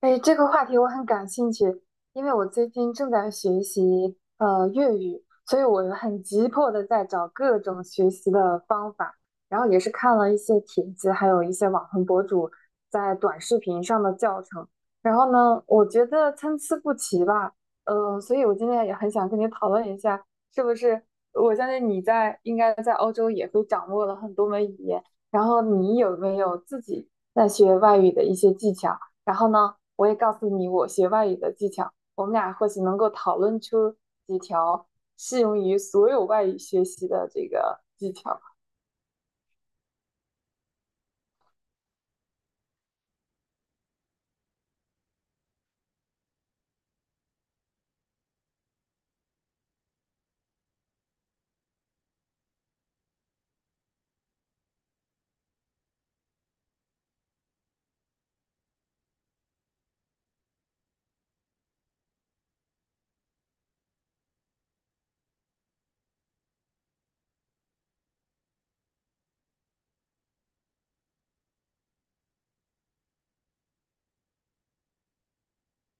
哎，这个话题我很感兴趣，因为我最近正在学习粤语，所以我很急迫的在找各种学习的方法，然后也是看了一些帖子，还有一些网红博主在短视频上的教程，然后呢，我觉得参差不齐吧。所以我今天也很想跟你讨论一下，是不是我相信你在应该在欧洲也会掌握了很多门语言，然后你有没有自己在学外语的一些技巧？然后呢，我也告诉你我学外语的技巧，我们俩或许能够讨论出几条适用于所有外语学习的这个技巧。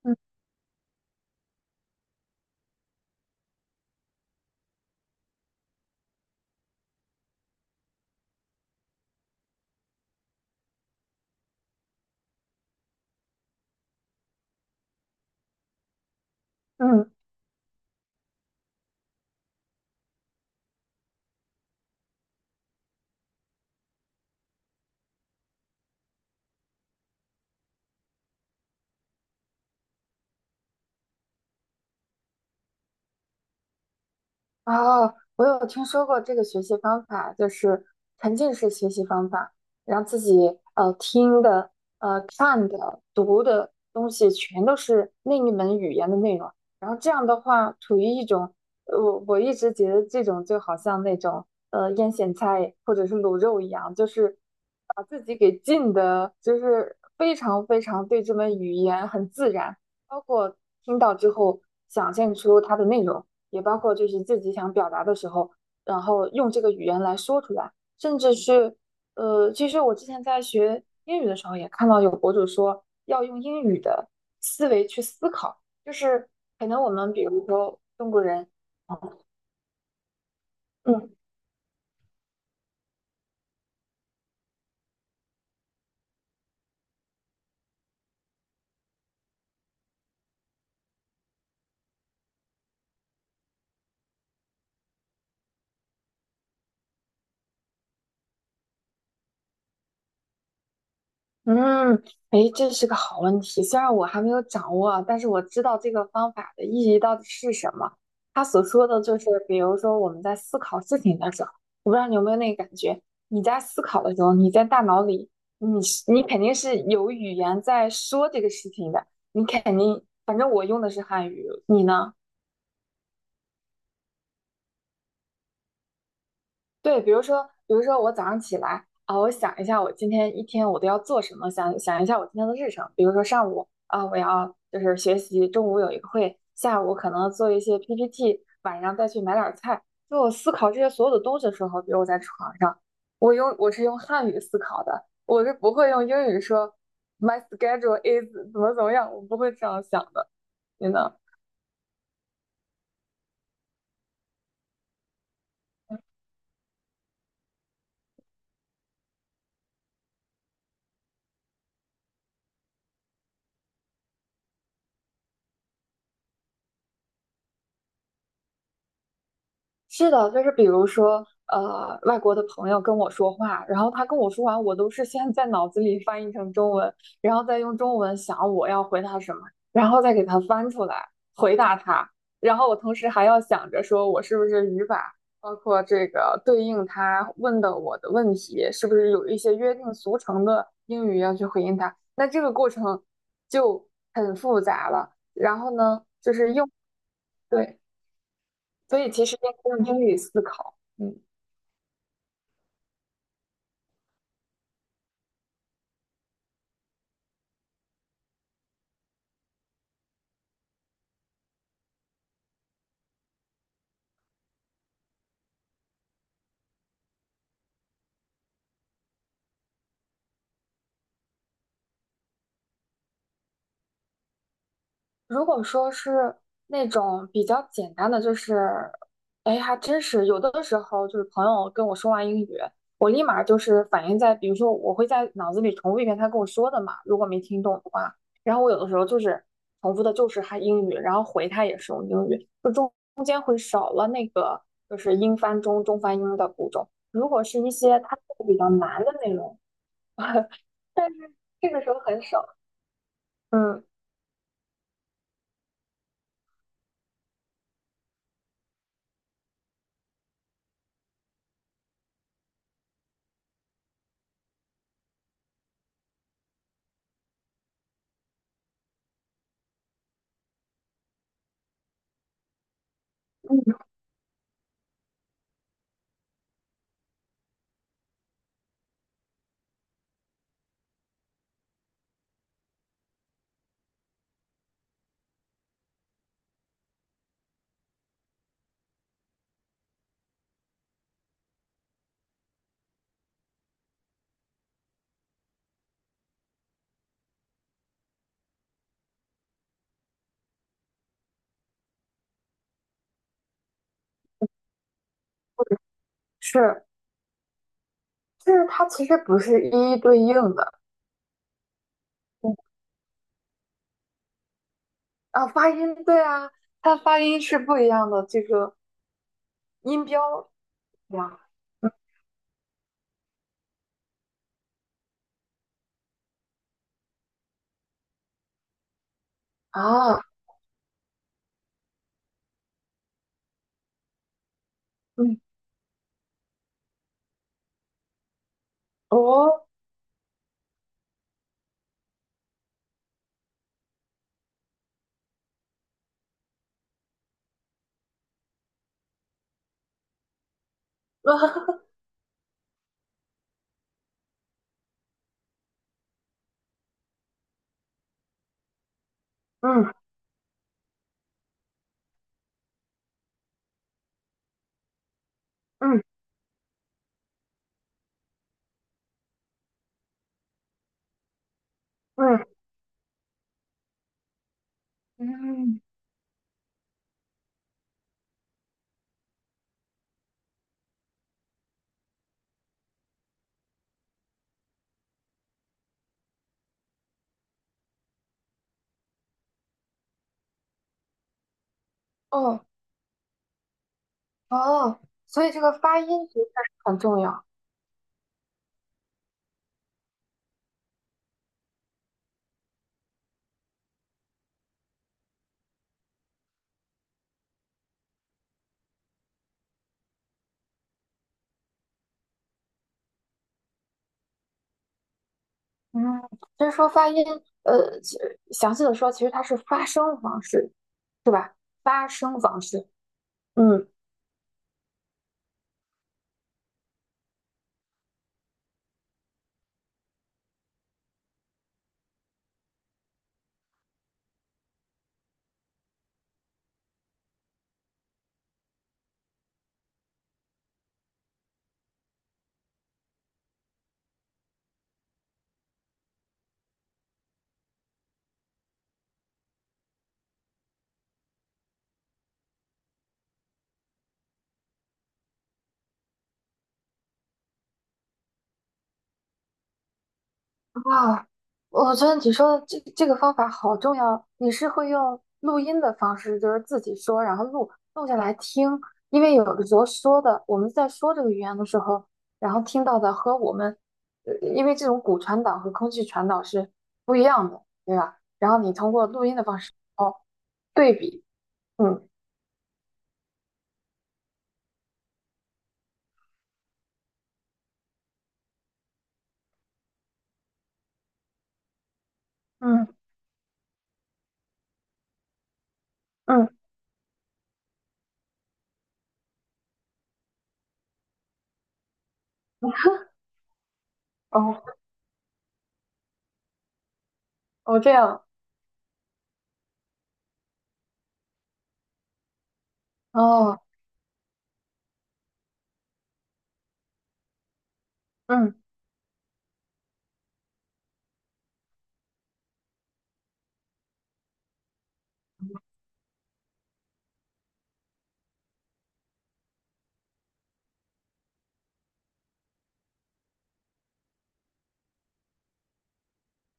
嗯嗯。哦，我有听说过这个学习方法，就是沉浸式学习方法，让自己听的、看的、读的东西全都是另一门语言的内容。然后这样的话，处于一种我一直觉得这种就好像那种腌咸菜或者是卤肉一样，就是把自己给浸的，就是非常非常对这门语言很自然，包括听到之后想象出它的内容。也包括就是自己想表达的时候，然后用这个语言来说出来，甚至是其实我之前在学英语的时候也看到有博主说要用英语的思维去思考，就是可能我们比如说中国人。嗯，嗯，哎，这是个好问题。虽然我还没有掌握啊，但是我知道这个方法的意义到底是什么。他所说的就是，比如说我们在思考事情的时候，我不知道你有没有那个感觉，你在思考的时候，你在大脑里，你是你肯定是有语言在说这个事情的，你肯定，反正我用的是汉语，你呢？对，比如说我早上起来啊，我想一下我今天一天我都要做什么，想一下我今天的日程。比如说上午啊，我要就是学习，中午有一个会，下午可能做一些 PPT，晚上再去买点儿菜。就我思考这些所有的东西的时候，比如我在床上，我是用汉语思考的，我是不会用英语说 my schedule is 怎么怎么样，我不会这样想的。你呢？是的，就是比如说，外国的朋友跟我说话，然后他跟我说完，我都是先在脑子里翻译成中文，然后再用中文想我要回答什么，然后再给他翻出来回答他，然后我同时还要想着说我是不是语法，包括这个对应他问的我的问题，是不是有一些约定俗成的英语要去回应他，那这个过程就很复杂了。然后呢，就是用，对，所以其实应该用英语思考。嗯。如果说是那种比较简单的，就是，哎，还真是有的时候就是朋友跟我说完英语，我立马就是反应在，比如说我会在脑子里重复一遍他跟我说的嘛，如果没听懂的话，然后我有的时候就是重复的就是他英语，然后回他也是用英语，中间会少了那个就是英翻中、中翻英的步骤。如果是一些他比较难的内容，但是这个时候很少。嗯，嗯，是。就是它其实不是一一对应的。嗯，啊，发音对啊，它发音是不一样的，这个音标呀。嗯，啊，啊，嗯，哦。嗯，嗯，嗯，嗯，哦，哦，所以这个发音其实很重要。嗯，就是说发音，其实详细的说，其实它是发声方式，是吧？发声方式。嗯。哇，我觉得你说的这个方法好重要。你是会用录音的方式，就是自己说，然后录下来听，因为有的时候说的，我们在说这个语言的时候，然后听到的和我们，因为这种骨传导和空气传导是不一样的，对吧？然后你通过录音的方式。哦，对比。嗯嗯嗯。哦，哦这样。哦嗯。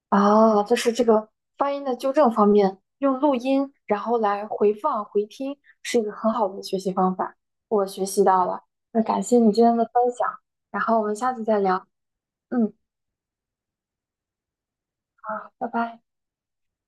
啊，就是这个发音的纠正方面，用录音然后来回放回听，是一个很好的学习方法。我学习到了。那感谢你今天的分享，然后我们下次再聊。嗯，好拜拜。